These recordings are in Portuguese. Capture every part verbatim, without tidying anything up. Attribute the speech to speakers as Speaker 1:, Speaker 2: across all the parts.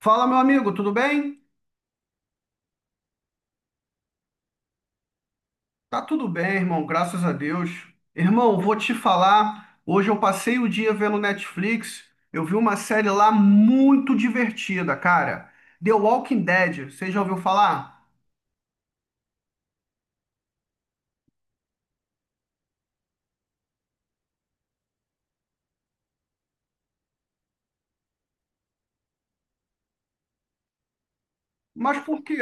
Speaker 1: Fala, meu amigo, tudo bem? Tá tudo bem, irmão, graças a Deus. Irmão, vou te falar, hoje eu passei o dia vendo Netflix, eu vi uma série lá muito divertida, cara. The Walking Dead, você já ouviu falar? Mas por quê?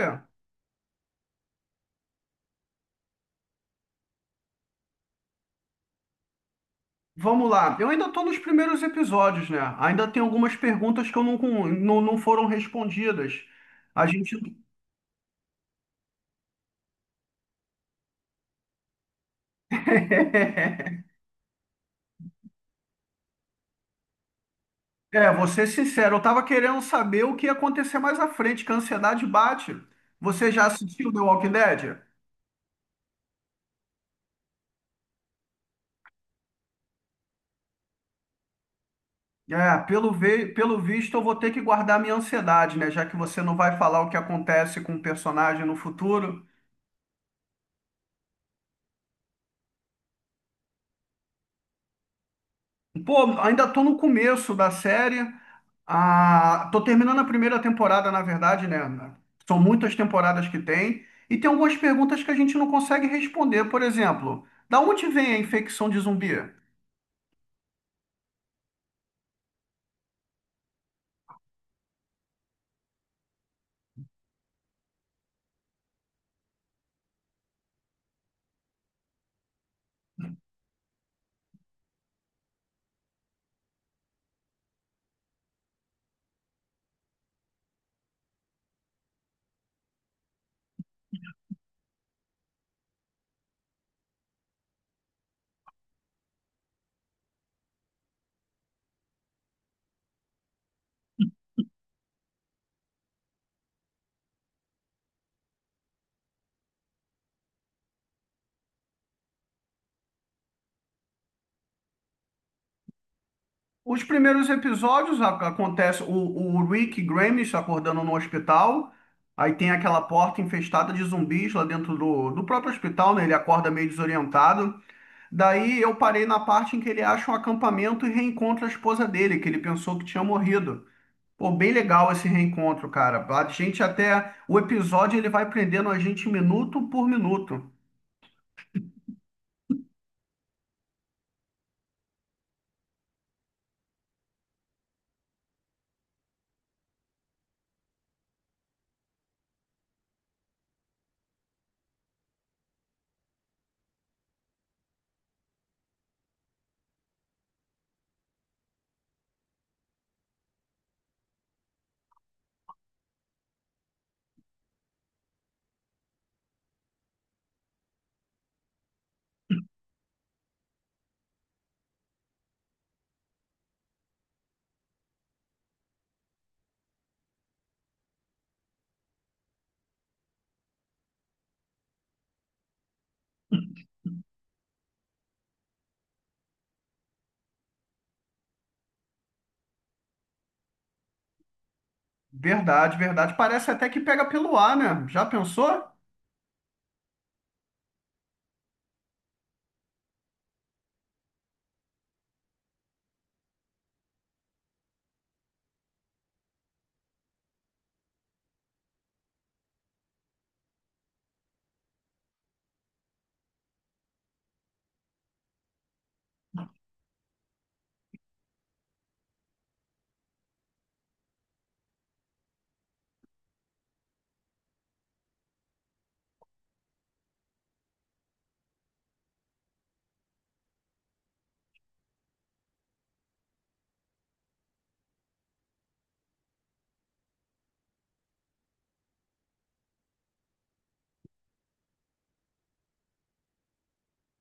Speaker 1: Vamos lá, eu ainda tô nos primeiros episódios, né? Ainda tem algumas perguntas que eu não, não, não foram respondidas. A gente É, vou ser sincero, eu tava querendo saber o que ia acontecer mais à frente, que a ansiedade bate. Você já assistiu The Walking Dead? É, pelo, ve- pelo visto eu vou ter que guardar minha ansiedade, né? Já que você não vai falar o que acontece com o personagem no futuro. Pô, ainda tô no começo da série. Ah, tô terminando a primeira temporada, na verdade, né? São muitas temporadas que tem. E tem algumas perguntas que a gente não consegue responder. Por exemplo, da onde vem a infecção de zumbi? Os primeiros episódios a- acontece o, o Rick Grimes acordando no hospital. Aí tem aquela porta infestada de zumbis lá dentro do, do próprio hospital, né? Ele acorda meio desorientado. Daí eu parei na parte em que ele acha um acampamento e reencontra a esposa dele, que ele pensou que tinha morrido. Pô, bem legal esse reencontro, cara. A gente até. O episódio ele vai prendendo a gente minuto por minuto. Verdade, verdade. Parece até que pega pelo ar, né? Já pensou?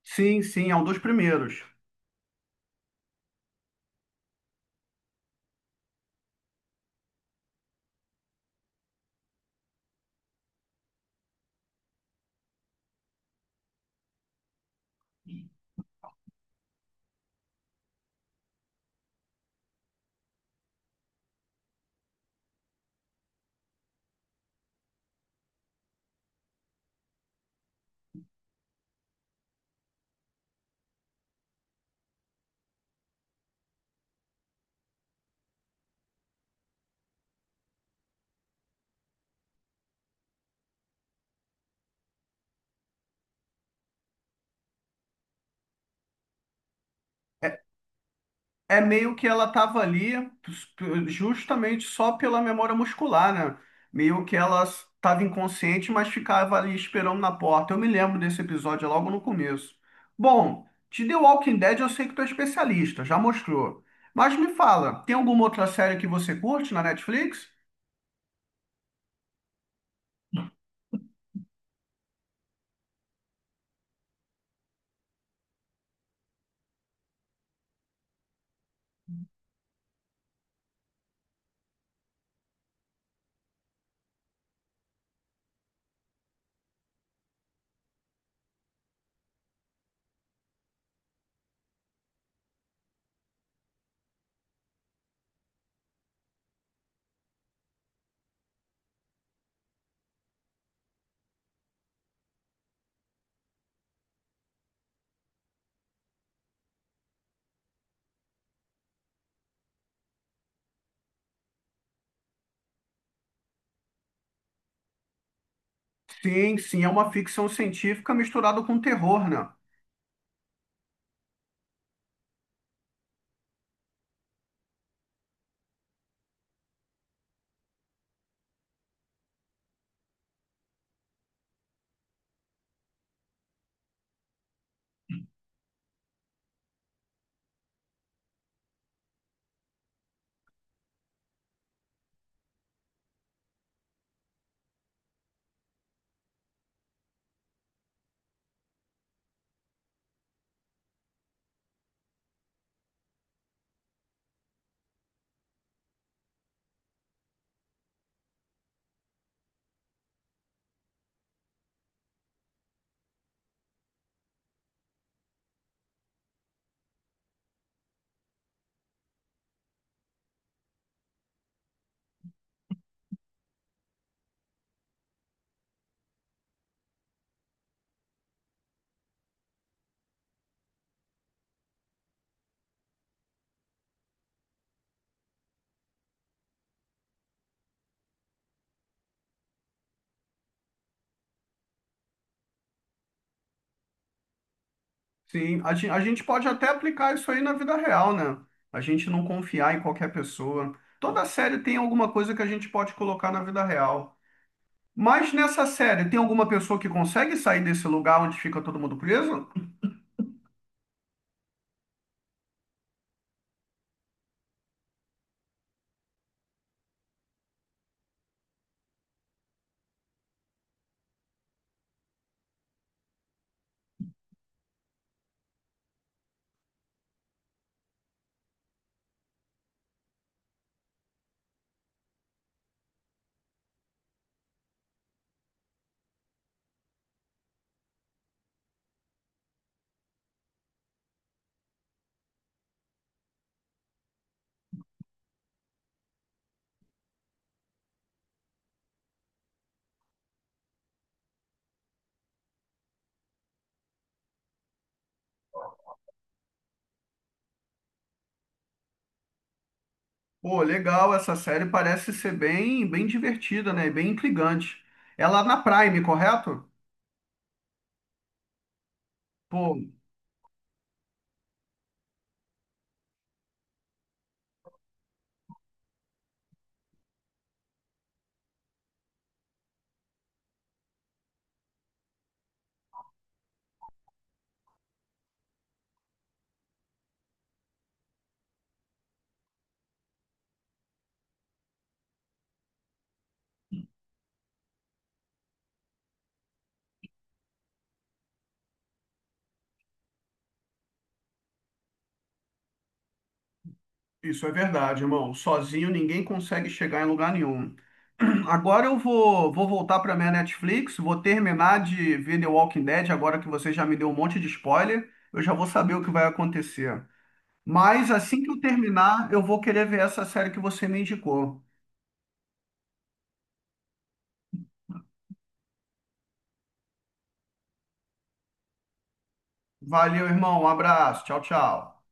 Speaker 1: Sim, sim, é um dos primeiros. É meio que ela estava ali justamente só pela memória muscular, né? Meio que ela estava inconsciente, mas ficava ali esperando na porta. Eu me lembro desse episódio é logo no começo. Bom, de The Walking Dead eu sei que tu é especialista, já mostrou. Mas me fala, tem alguma outra série que você curte na Netflix? Sim, sim, é uma ficção científica misturada com terror, né? Sim, a gente, a gente pode até aplicar isso aí na vida real, né? A gente não confiar em qualquer pessoa. Toda série tem alguma coisa que a gente pode colocar na vida real. Mas nessa série, tem alguma pessoa que consegue sair desse lugar onde fica todo mundo preso? Pô, legal, essa série parece ser bem, bem divertida, né? Bem intrigante. Ela é na Prime, correto? Pô, isso é verdade, irmão. Sozinho ninguém consegue chegar em lugar nenhum. Agora eu vou, vou voltar para minha Netflix, vou terminar de ver The Walking Dead, agora que você já me deu um monte de spoiler, eu já vou saber o que vai acontecer. Mas assim que eu terminar, eu vou querer ver essa série que você me indicou. Valeu, irmão. Um abraço. Tchau, tchau.